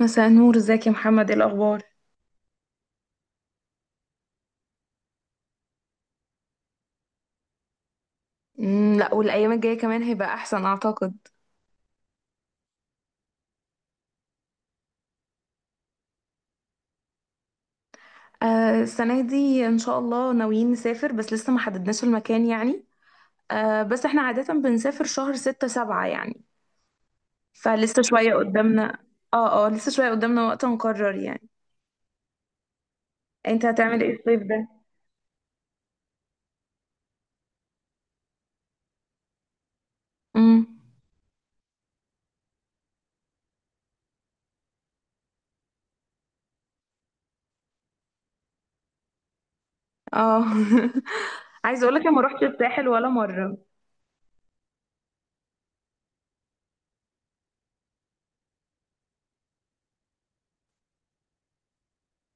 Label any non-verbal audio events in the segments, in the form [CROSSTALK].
مساء النور، ازيك يا محمد؟ ايه الاخبار؟ لا، والايام الجايه كمان هيبقى احسن اعتقد. آه، السنه دي ان شاء الله ناويين نسافر، بس لسه ما حددناش المكان يعني. آه، بس احنا عاده بنسافر شهر ستة سبعة يعني. فلسه شويه قدامنا. اه، اه، لسه شويه قدامنا وقت نقرر يعني. انت هتعمل ايه الصيف ده؟ امم. اه. [LAUGHS] عايز اقولك انا ما روحتش الساحل ولا مره.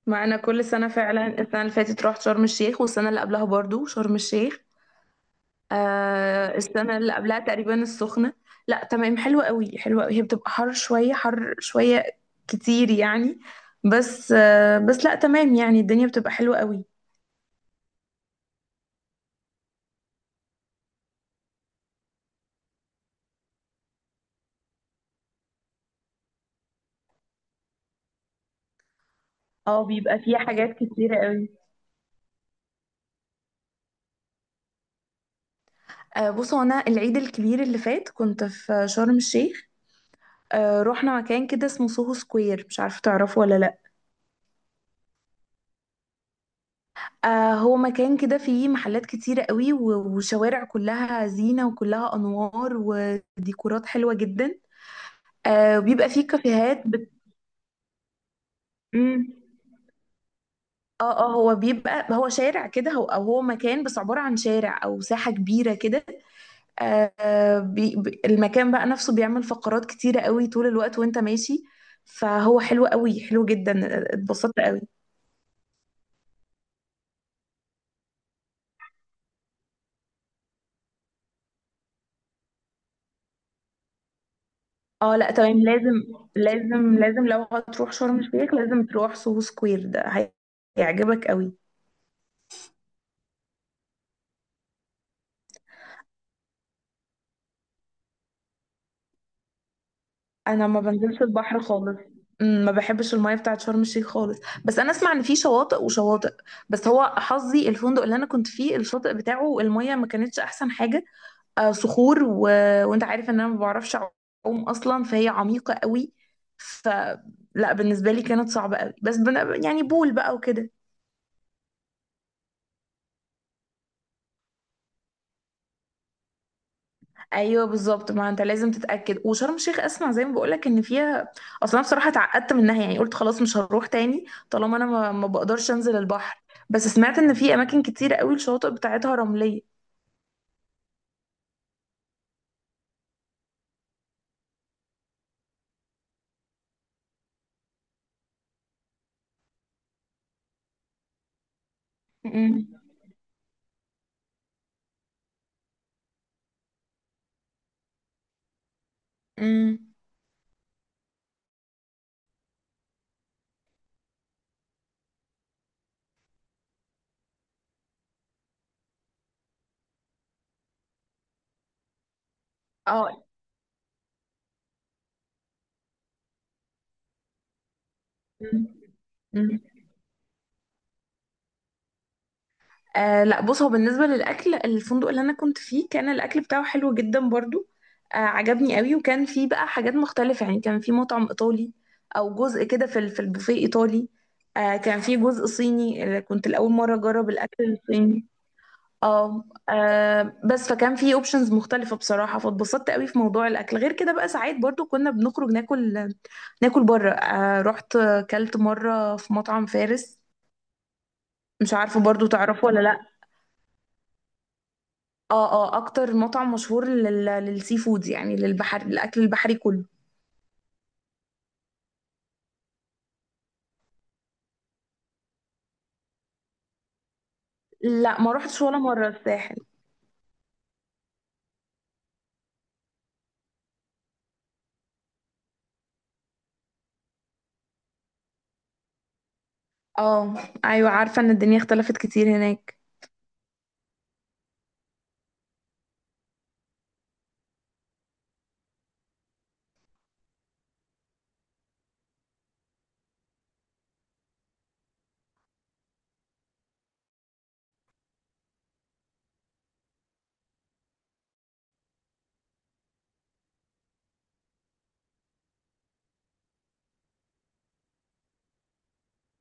مع انا كل سنه فعلا السنه اللي فاتت رحت شرم الشيخ، والسنه اللي قبلها برضو شرم الشيخ. آه، السنة اللي قبلها تقريبا السخنة. لا، تمام، حلوة قوي حلوة قوي، هي بتبقى حر شوية حر شوية كتير يعني. بس بس لا، تمام، يعني الدنيا بتبقى حلوة قوي. اه، بيبقى فيها حاجات كتيرة قوي. آه، بصوا انا العيد الكبير اللي فات كنت في شرم الشيخ. آه، رحنا مكان كده اسمه سوهو سكوير، مش عارفة تعرفه ولا لا. آه، هو مكان كده فيه محلات كتيرة قوي وشوارع كلها زينة وكلها أنوار وديكورات حلوة جدا. آه، وبيبقى فيه كافيهات. امم. اه، اه، هو بيبقى هو شارع كده، هو او مكان، بس عبارة عن شارع او ساحة كبيرة كده. المكان بقى نفسه بيعمل فقرات كتيرة قوي طول الوقت وانت ماشي، فهو حلو قوي حلو جدا. اتبسطت قوي. اه، لا، تمام، لازم. لازم لازم، لو هتروح شرم الشيخ لازم تروح سوهو سكوير ده، هيعجبك قوي. انا ما بنزلش البحر خالص. ما بحبش المية بتاعت شرم الشيخ خالص. بس انا اسمع ان في شواطئ وشواطئ. بس هو حظي الفندق اللي انا كنت فيه الشاطئ بتاعه المية ما كانتش احسن حاجة. آه، صخور. و... وانت عارف ان انا ما بعرفش اعوم اصلا، فهي عميقة قوي، فلا بالنسبة لي كانت صعبة قوي. بس يعني بول بقى وكده. ايوه، بالظبط، ما انت لازم تتاكد. وشرم الشيخ اسمع زي ما بقولك ان فيها، اصلا انا بصراحه اتعقدت منها، يعني قلت خلاص مش هروح تاني طالما انا ما بقدرش انزل البحر. بس سمعت ان في اماكن كتير قوي الشواطئ بتاعتها رمليه. مم. امم. اه. مم. آه، لا، بص، هو بالنسبة للأكل الفندق اللي أنا كنت فيه كان الأكل بتاعه حلو جدا برضو. آه، عجبني قوي، وكان فيه بقى حاجات مختلفة، يعني كان فيه مطعم إيطالي، أو جزء كده في في البوفيه إيطالي. آه، كان فيه جزء صيني اللي كنت لأول مرة أجرب الأكل الصيني. اه، آه، بس فكان فيه اوبشنز مختلفة بصراحة فاتبسطت قوي في موضوع الأكل. غير كده بقى ساعات برضو كنا بنخرج ناكل، ناكل بره. آه، رحت كلت مرة في مطعم فارس، مش عارفة برضو تعرفه ولا لأ. اه، اه، اكتر مطعم مشهور للسي فود، يعني للبحر، الاكل البحري كله. لا، ما روحتش ولا مره الساحل. اه، ايوه، عارفه ان الدنيا اختلفت كتير هناك.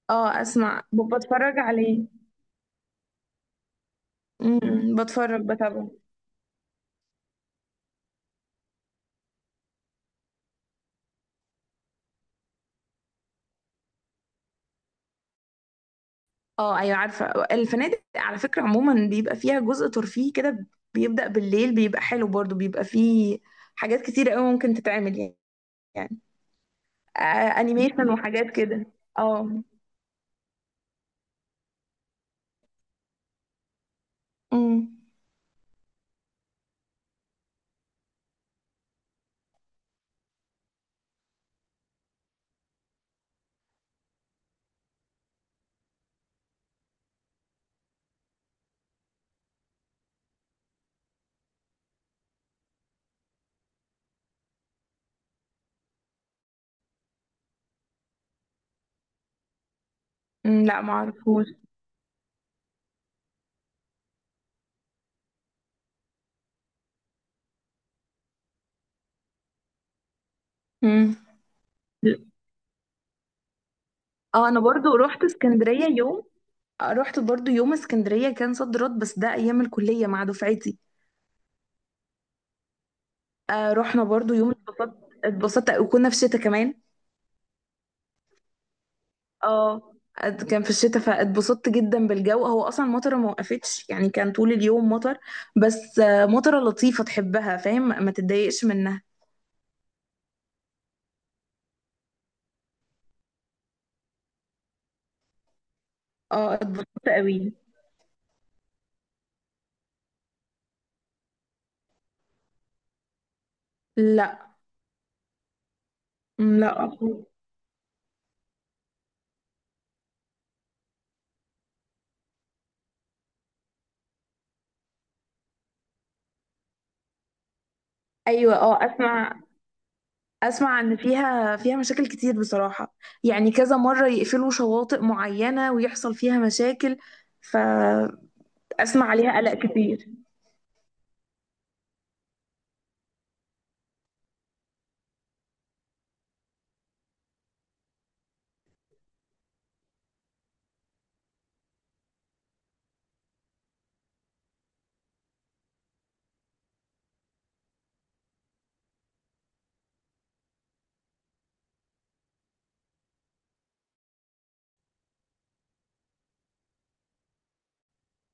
اه، اسمع، بتفرج عليه. بتفرج بتابعه. اه، ايوه، عارفه الفنادق على فكره عموما بيبقى فيها جزء ترفيهي كده، بيبدا بالليل بيبقى حلو، برضو بيبقى فيه حاجات كتير قوي ممكن تتعمل يعني. يعني آه، انيميشن وحاجات كده. اه. امم. أمم، لا، ما اعرفوش. امم. اه، انا برضو رحت اسكندرية يوم. آه، رحت برضو يوم اسكندرية، كان صد رد، بس ده ايام الكلية مع دفعتي. آه، رحنا برضو يوم، اتبسطت اتبسطت، وكنا في الشتاء كمان. اه. كان في الشتاء فاتبسطت جدا بالجو، هو اصلا المطره ما وقفتش، يعني كان طول اليوم مطر. بس مطره لطيفة تحبها، فاهم، ما تتضايقش منها. اه، اتبسطت قوي. لا. م، لا. ايوه. اه، اسمع. اسمع ان فيها مشاكل كتير بصراحة، يعني كذا مرة يقفلوا شواطئ معينة ويحصل فيها مشاكل، فاسمع عليها قلق كتير.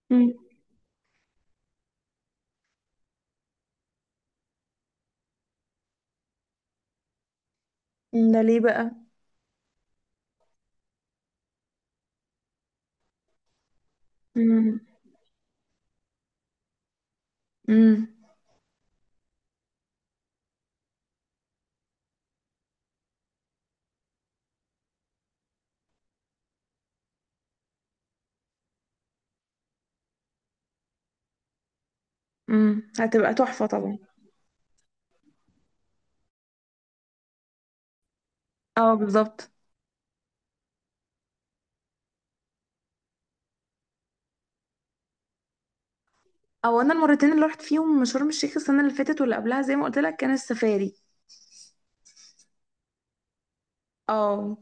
مم. مم، ده ليه بقى؟ مم. مم. مم. هتبقى تحفة طبعا. اه، بالظبط. او انا المرتين اللي رحت فيهم شرم الشيخ السنة اللي فاتت واللي قبلها زي ما قلت لك كان السفاري. اه،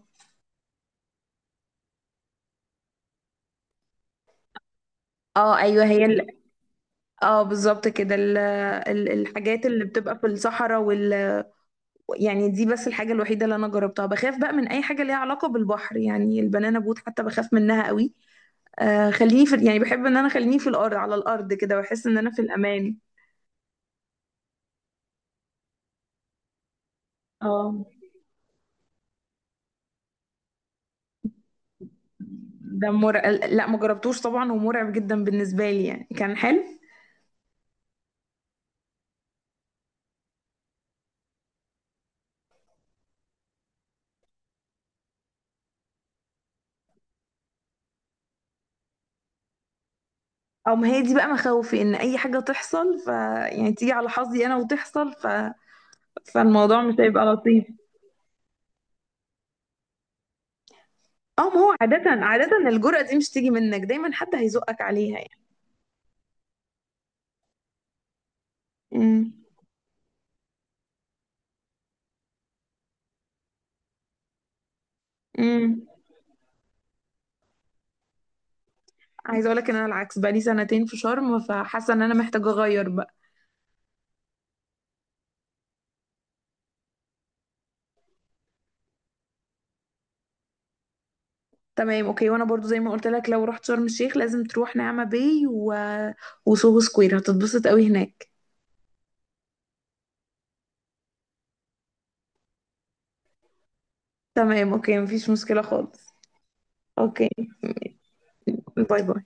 اه، ايوه، اه، بالظبط كده، الحاجات اللي بتبقى في الصحراء. وال... يعني دي بس الحاجة الوحيدة اللي أنا جربتها. بخاف بقى من أي حاجة ليها علاقة بالبحر، يعني البنانا بوت حتى بخاف منها قوي. آه، خليني في، يعني بحب إن أنا خليني في الأرض، على الأرض كده بحس إن أنا في الأمان. اه، ده مرعب. لا، ما جربتوش طبعا، ومرعب جدا بالنسبة لي، يعني كان حلو. أو ما هي دي بقى مخاوفي، إن أي حاجة تحصل، ف يعني تيجي على حظي أنا وتحصل. ف... فالموضوع مش هيبقى لطيف. اه، ما هو عادة، عادة الجرأة دي مش تيجي منك، دايما حد هيزقك عليها يعني. امم. عايزه اقول لك ان انا العكس، بقى لي سنتين في شرم، فحاسه ان انا محتاجه اغير بقى. تمام، اوكي، وانا برضو زي ما قلت لك لو رحت شرم الشيخ لازم تروح نعمة باي و... وسوهو سكوير، هتتبسط قوي هناك. تمام، اوكي، مفيش مشكله خالص. اوكي. باي باي.